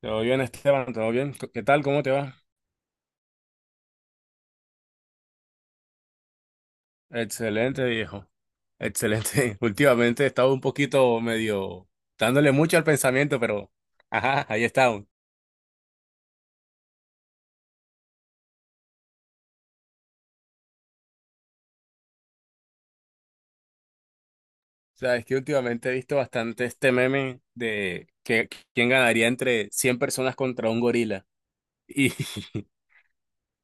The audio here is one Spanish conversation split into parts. Todo bien, Esteban, todo bien. ¿Qué tal? ¿Cómo te va? Excelente, viejo. Excelente. Últimamente he estado un poquito medio dándole mucho al pensamiento, pero ajá, ahí está. Aún. O sea, es que últimamente he visto bastante este meme de que quién ganaría entre 100 personas contra un gorila. Y,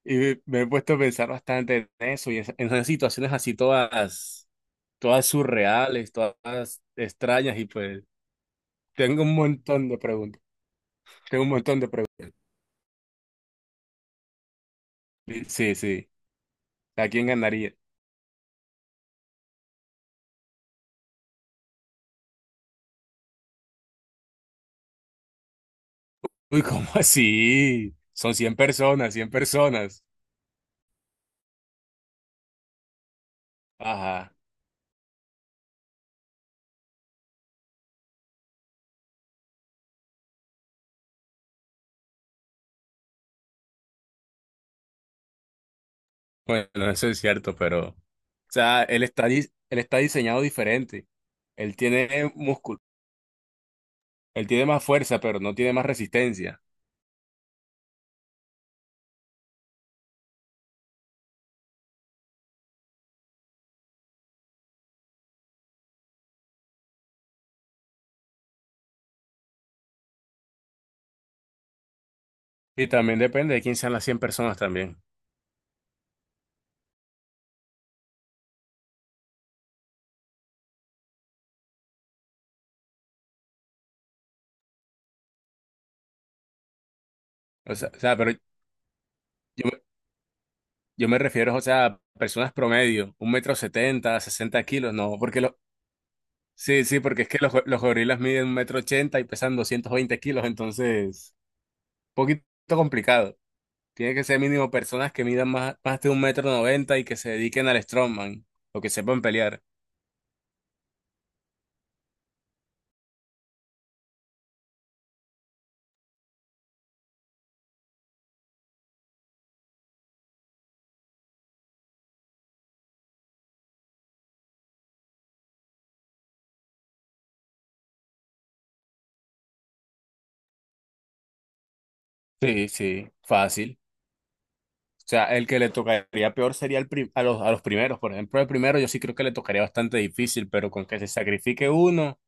y me he puesto a pensar bastante en eso y en esas situaciones así todas surreales, todas extrañas y pues tengo un montón de preguntas. Tengo un montón de preguntas. Sí, sí. ¿A quién ganaría? Uy, ¿cómo así? Son 100 personas, 100 personas. Ajá. Bueno, eso es cierto, pero... O sea, él está diseñado diferente. Él tiene músculo, él tiene más fuerza, pero no tiene más resistencia. Y también depende de quién sean las 100 personas también. O sea, pero yo, me- yo me refiero, o sea, a personas promedio, 1,70 m, 60 kilos, no, porque los... Sí, sí, porque es que los gorilas miden 1,80 m y pesan 220 kilos, entonces, un poquito complicado. Tiene que ser mínimo personas que midan más de 1,90 m y que se dediquen al strongman o que sepan pelear. Sí, sí, fácil. O sea, el que le tocaría peor sería el pri- a los primeros. Por ejemplo, el primero yo sí creo que le tocaría bastante difícil, pero con que se sacrifique uno,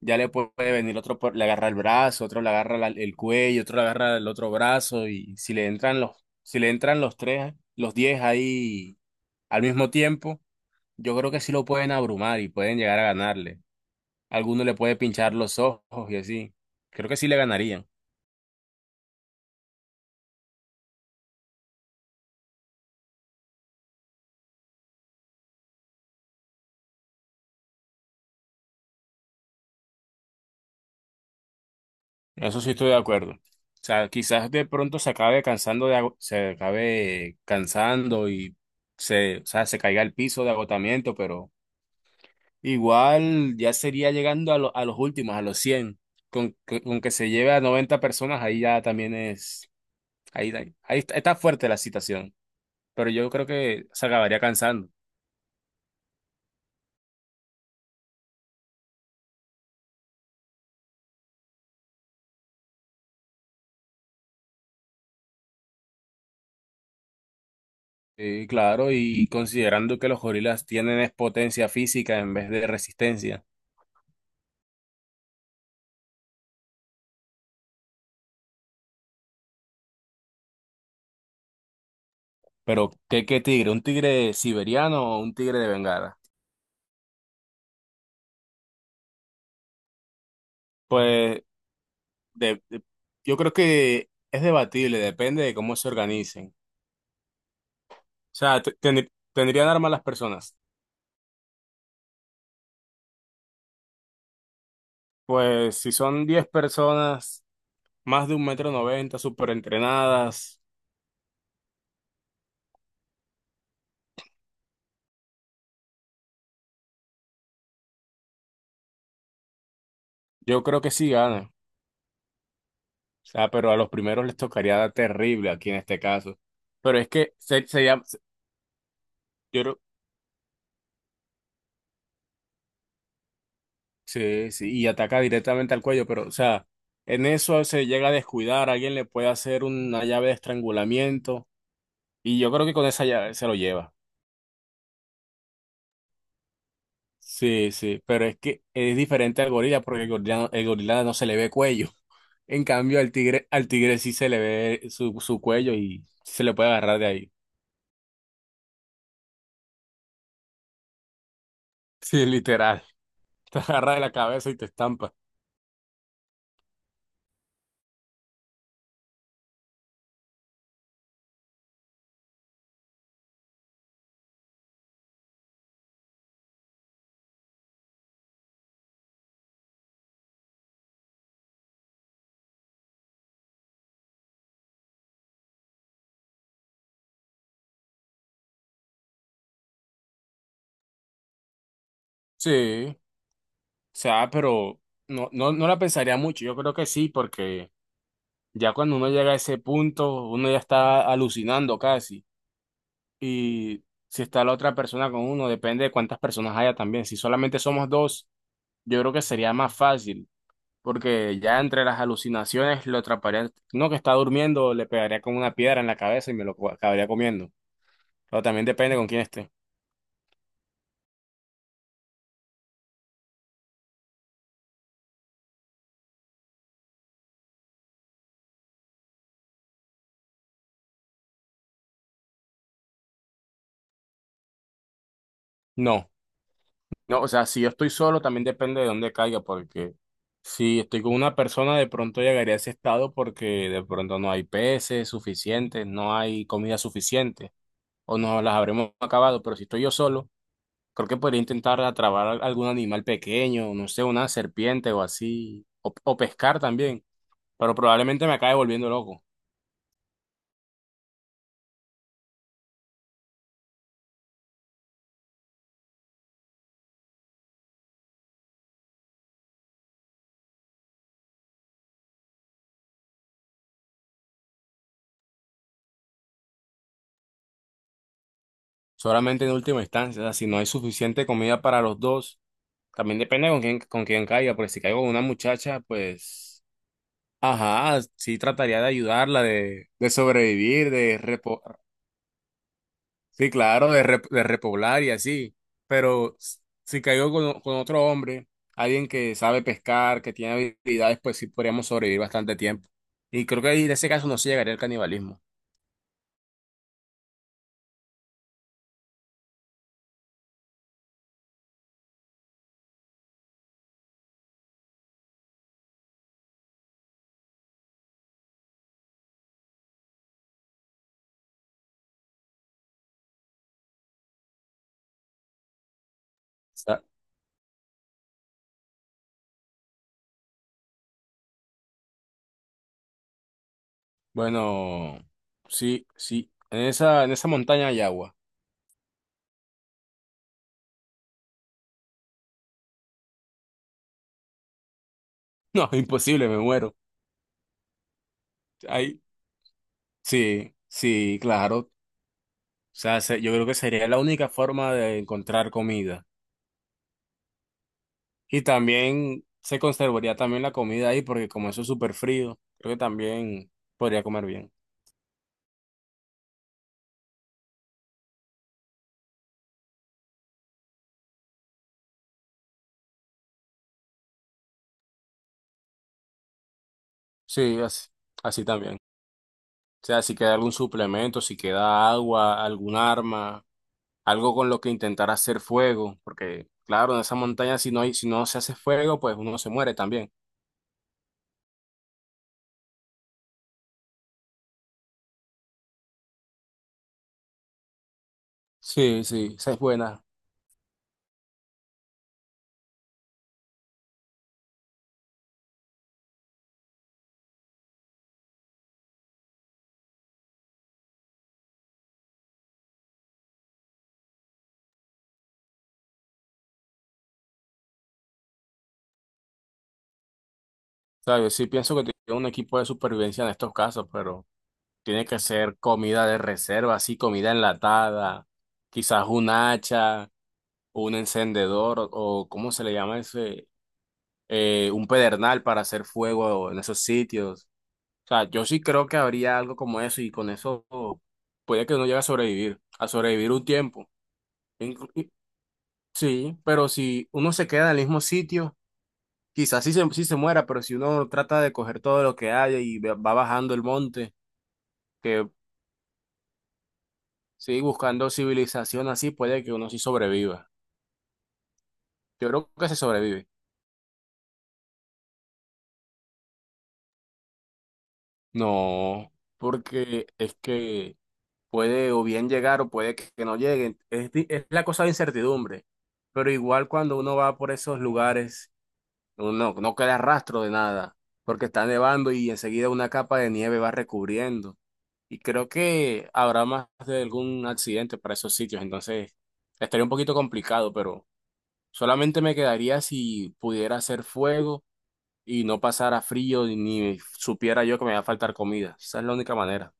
ya le puede venir otro, le agarra el brazo, otro le agarra el cuello, otro le agarra el otro brazo y si le entran los tres, los 10 ahí al mismo tiempo, yo creo que sí lo pueden abrumar y pueden llegar a ganarle. Alguno le puede pinchar los ojos y así. Creo que sí le ganarían. Eso sí estoy de acuerdo. O sea, quizás de pronto se acabe cansando y se, o sea, se caiga al piso de agotamiento, pero igual ya sería llegando a los últimos, a los 100. Con que se lleve a 90 personas, ahí ya también es, ahí, ahí está fuerte la situación. Pero yo creo que se acabaría cansando. Sí, claro, y considerando que los gorilas tienen es potencia física en vez de resistencia. Pero, ¿qué tigre? ¿Un tigre siberiano o un tigre de Bengala? Pues de- de- yo creo que es debatible, depende de cómo se organicen. O sea, ¿tendrían armas las personas? Pues si son 10 personas, más de 1,90 m, súper entrenadas, yo creo que sí ganan. O sea, pero a los primeros les tocaría dar terrible aquí en este caso. Pero es que se llama... yo creo. Sí, sí, y ataca directamente al cuello, pero, o sea, en eso se llega a descuidar, alguien le puede hacer una llave de estrangulamiento, y yo creo que con esa llave se lo lleva. Sí, sí, pero es que es diferente al gorila, porque el gorila no se le ve cuello. En cambio, al tigre sí se le ve su cuello y se le puede agarrar de ahí. Sí, literal. Te agarra de la cabeza y te estampa. Sí, o sea, pero no, no, no la pensaría mucho. Yo creo que sí, porque ya cuando uno llega a ese punto, uno ya está alucinando casi. Y si está la otra persona con uno, depende de cuántas personas haya también. Si solamente somos dos, yo creo que sería más fácil, porque ya entre las alucinaciones lo atraparía. No que está durmiendo, le pegaría con una piedra en la cabeza y me lo acabaría comiendo. Pero también depende con quién esté. No. No, o sea, si yo estoy solo, también depende de dónde caiga, porque si estoy con una persona, de pronto llegaría a ese estado porque de pronto no hay peces suficientes, no hay comida suficiente, o no las habremos acabado. Pero si estoy yo solo, creo que podría intentar atrapar algún animal pequeño, no sé, una serpiente o así, o pescar también, pero probablemente me acabe volviendo loco. Solamente en última instancia, o sea, si no hay suficiente comida para los dos, también depende con quién caiga, porque si caigo con una muchacha, pues. Ajá, sí trataría de ayudarla, de, sobrevivir, sí, claro, de repoblar y así. Pero si caigo con otro hombre, alguien que sabe pescar, que tiene habilidades, pues sí podríamos sobrevivir bastante tiempo. Y creo que ahí en ese caso no se llegaría al canibalismo. O bueno, sí, sí, en esa montaña hay agua. No, imposible, me muero. Ahí, sí, sí, claro. O sea, yo creo que sería la única forma de encontrar comida. Y también se conservaría también la comida ahí, porque como eso es súper frío, creo que también podría comer bien. Sí, así, así también. O sea, si queda algún suplemento, si queda agua, algún arma, algo con lo que intentar hacer fuego, porque claro, en esa montaña si no hay, si no se hace fuego, pues uno se muere también. Sí, sí, esa es buena. ¿Sabes? Sí pienso que tiene un equipo de supervivencia en estos casos, pero tiene que ser comida de reserva, así comida enlatada, quizás un hacha. Un encendedor o ¿cómo se le llama ese? Un pedernal para hacer fuego en esos sitios. O sea, yo sí creo que habría algo como eso y con eso puede que uno llegue a sobrevivir un tiempo. Inclu- y- Sí, pero si uno se queda en el mismo sitio, quizás sí se muera, pero si uno trata de coger todo lo que haya y va bajando el monte, que sigue buscando civilización así, puede que uno sí sobreviva. Yo creo que se sobrevive. No, porque es que puede o bien llegar o puede que no lleguen. Es la cosa de incertidumbre, pero igual cuando uno va por esos lugares, uno no queda rastro de nada, porque está nevando y enseguida una capa de nieve va recubriendo. Y creo que habrá más de algún accidente para esos sitios, entonces estaría un poquito complicado, pero solamente me quedaría si pudiera hacer fuego y no pasara frío ni supiera yo que me va a faltar comida. Esa es la única manera.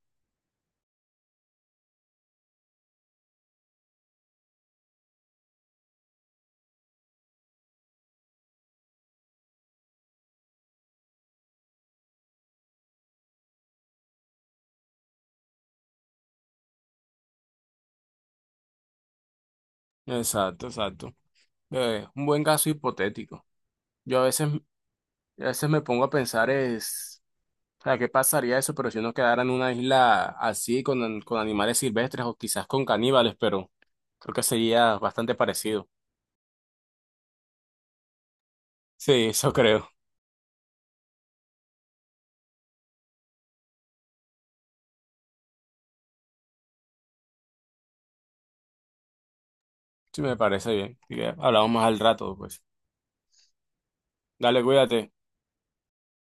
Exacto, exacto. Un buen caso hipotético. Yo a veces me pongo a pensar es, o sea, ¿qué pasaría eso? Pero si uno quedara en una isla así con animales silvestres o quizás con caníbales, pero creo que sería bastante parecido. Sí, eso creo. Sí, me parece bien. Así que hablamos más al rato, pues. Dale, cuídate.